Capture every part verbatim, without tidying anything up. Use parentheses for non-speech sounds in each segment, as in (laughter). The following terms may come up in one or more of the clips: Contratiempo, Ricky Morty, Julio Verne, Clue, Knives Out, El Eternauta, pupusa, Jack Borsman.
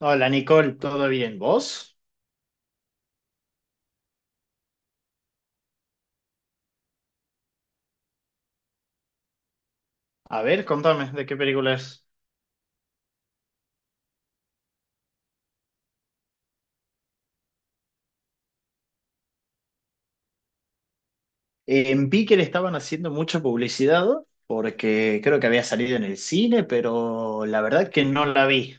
Hola Nicole, ¿todo bien? ¿Vos? A ver, contame, ¿de qué película es? Eh, En Pique le estaban haciendo mucha publicidad porque creo que había salido en el cine, pero la verdad que no la vi.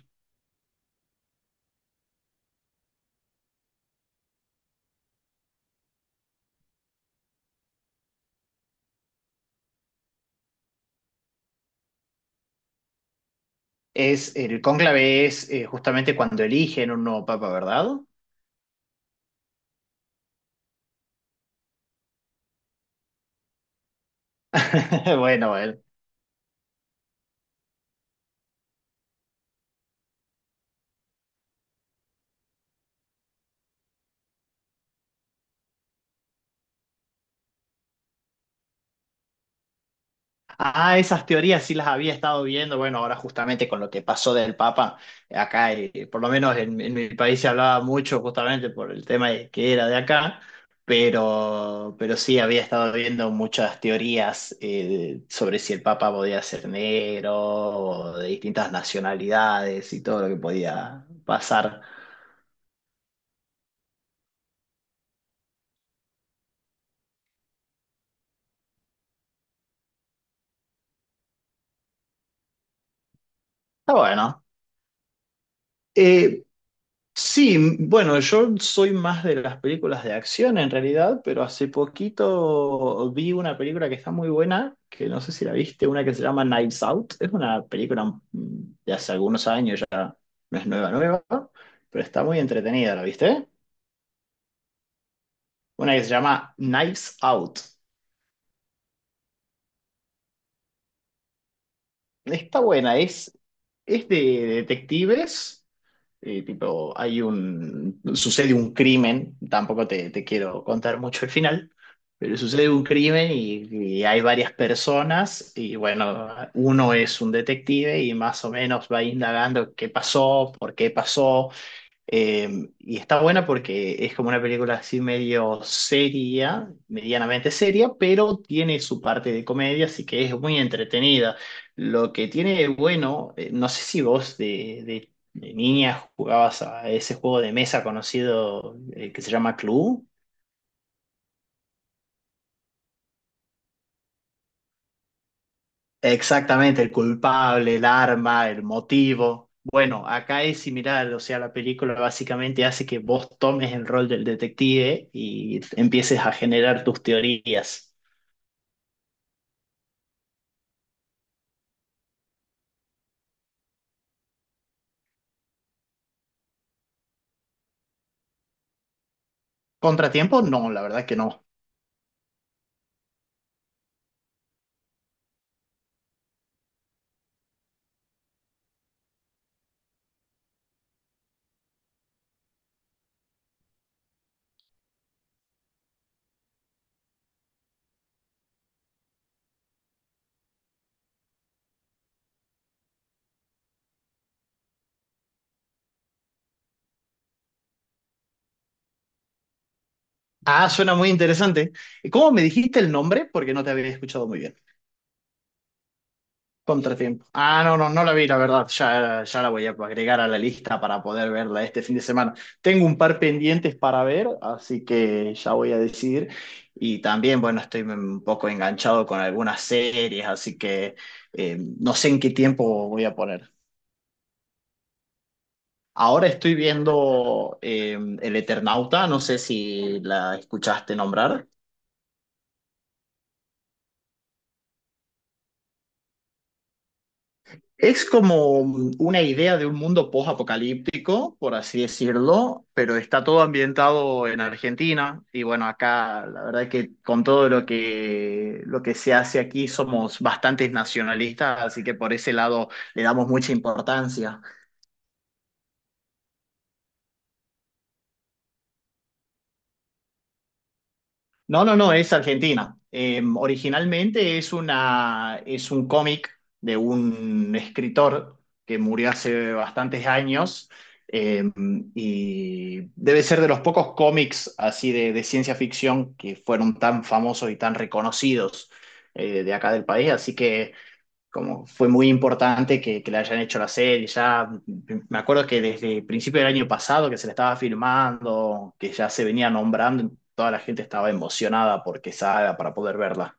Es, el cónclave es eh, justamente cuando eligen un nuevo papa, ¿verdad? (laughs) Bueno, bueno, Ah, esas teorías sí las había estado viendo. Bueno, ahora justamente con lo que pasó del Papa, eh, acá, eh, por lo menos en, en mi país se hablaba mucho justamente por el tema de que era de acá, pero, pero sí había estado viendo muchas teorías eh, sobre si el Papa podía ser negro o de distintas nacionalidades y todo lo que podía pasar. Está bueno. Eh, Sí, bueno, yo soy más de las películas de acción en realidad, pero hace poquito vi una película que está muy buena, que no sé si la viste, una que se llama Knives Out. Es una película mm, de hace algunos años ya, no es nueva, nueva, pero está muy entretenida, ¿la viste? Una que se llama Knives Out. Está buena, es, es de detectives. Y tipo, hay un, sucede un crimen, tampoco te, te quiero contar mucho el final, pero sucede un crimen y, y hay varias personas y bueno, uno es un detective y más o menos va indagando qué pasó, por qué pasó, eh, y está buena porque es como una película así medio seria, medianamente seria, pero tiene su parte de comedia, así que es muy entretenida. Lo que tiene de bueno, eh, no sé si vos de, de- de niña jugabas a ese juego de mesa conocido eh, que se llama Clue. Exactamente, el culpable, el arma, el motivo. Bueno, acá es similar, o sea, la película básicamente hace que vos tomes el rol del detective y empieces a generar tus teorías. ¿Contratiempo? No, la verdad que no. Ah, suena muy interesante. ¿Cómo me dijiste el nombre? Porque no te había escuchado muy bien. Contratiempo. Ah, no, no, no la vi, la verdad. Ya, ya la voy a agregar a la lista para poder verla este fin de semana. Tengo un par pendientes para ver, así que ya voy a decidir. Y también, bueno, estoy un poco enganchado con algunas series, así que eh, no sé en qué tiempo voy a poner. Ahora estoy viendo eh, El Eternauta, no sé si la escuchaste nombrar. Es como una idea de un mundo post-apocalíptico, por así decirlo, pero está todo ambientado en Argentina. Y bueno, acá la verdad es que con todo lo que, lo que se hace aquí somos bastantes nacionalistas, así que por ese lado le damos mucha importancia. No, no, no, es Argentina. Eh, originalmente es una, es un cómic de un escritor que murió hace bastantes años, eh, y debe ser de los pocos cómics así de, de ciencia ficción que fueron tan famosos y tan reconocidos, eh, de acá del país. Así que como fue muy importante que, que la hayan hecho la serie. Ya me acuerdo que desde el principio del año pasado que se la estaba filmando, que ya se venía nombrando, toda la gente estaba emocionada porque salga para poder verla.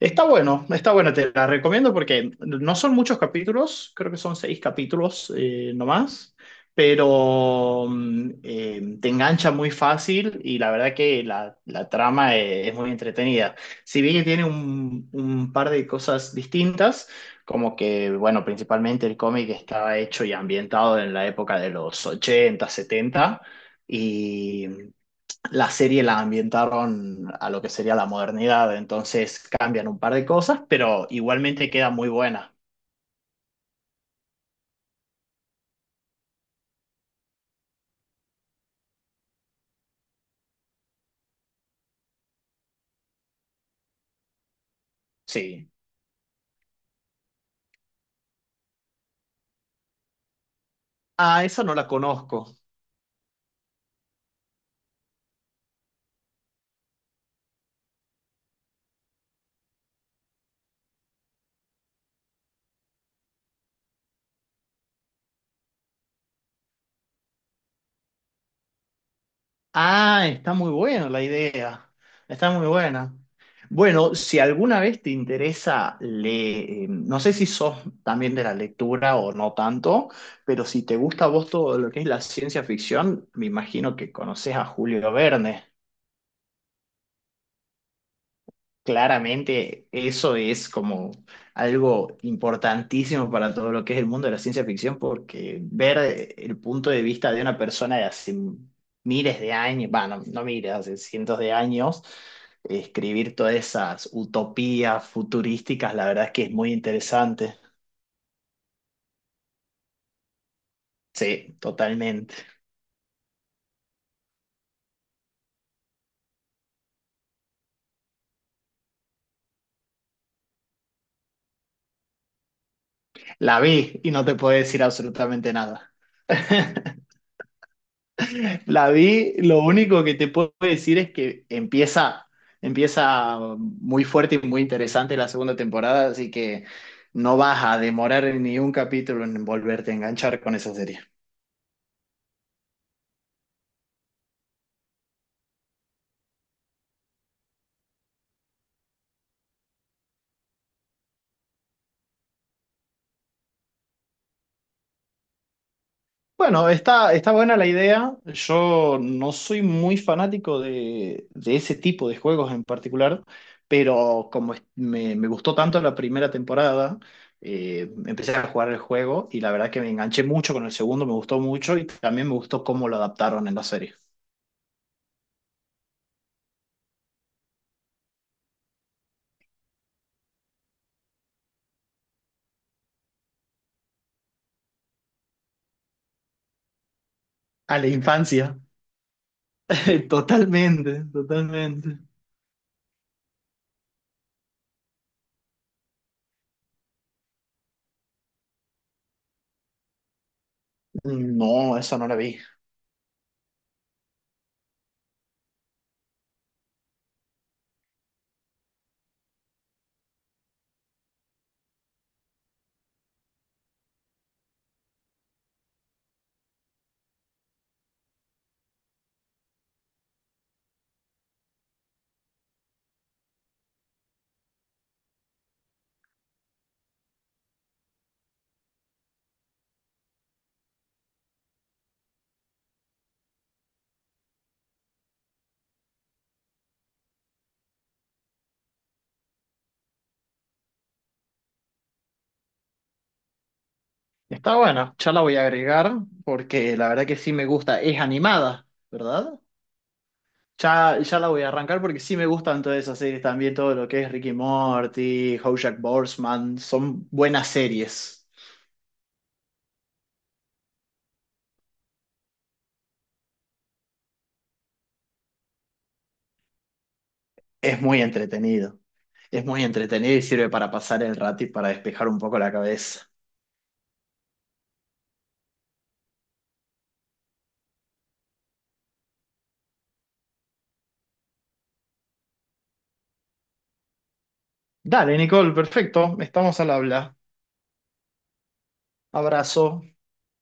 Está bueno, está bueno, te la recomiendo porque no son muchos capítulos, creo que son seis capítulos eh, nomás, pero mm, eh, te engancha muy fácil y la verdad que la, la trama eh, es, muy entretenida. Si bien que tiene un, un par de cosas distintas, como que, bueno, principalmente el cómic estaba hecho y ambientado en la época de los ochenta, setenta. Y la serie la ambientaron a lo que sería la modernidad, entonces cambian un par de cosas, pero igualmente queda muy buena. Sí. Ah, esa no la conozco. Ah, está muy buena la idea. Está muy buena. Bueno, si alguna vez te interesa, le, eh, no sé si sos también de la lectura o no tanto, pero si te gusta a vos todo lo que es la ciencia ficción, me imagino que conoces a Julio Verne. Claramente, eso es como algo importantísimo para todo lo que es el mundo de la ciencia ficción, porque ver el punto de vista de una persona de hace miles de años, bueno, no no miles, hace cientos de años, escribir todas esas utopías futurísticas, la verdad es que es muy interesante. Sí, totalmente. La vi y no te puedo decir absolutamente nada. (laughs) La vi, lo único que te puedo decir es que empieza, empieza muy fuerte y muy interesante la segunda temporada, así que no vas a demorar ni un capítulo en volverte a enganchar con esa serie. Bueno, está, está buena la idea. Yo no soy muy fanático de, de ese tipo de juegos en particular, pero como es- me, me gustó tanto la primera temporada, eh, empecé a jugar el juego y la verdad que me enganché mucho con el segundo, me gustó mucho y también me gustó cómo lo adaptaron en la serie. A la infancia, (laughs) totalmente, totalmente. No, esa no la vi. Está buena, ya la voy a agregar porque la verdad que sí me gusta. Es animada, ¿verdad? Ya, ya la voy a arrancar porque sí me gustan todas esas series también, todo lo que es Ricky Morty, Jack Borsman, son buenas series. Es muy entretenido. Es muy entretenido y sirve para pasar el rato y para despejar un poco la cabeza. Dale, Nicole, perfecto. Estamos al habla. Abrazo.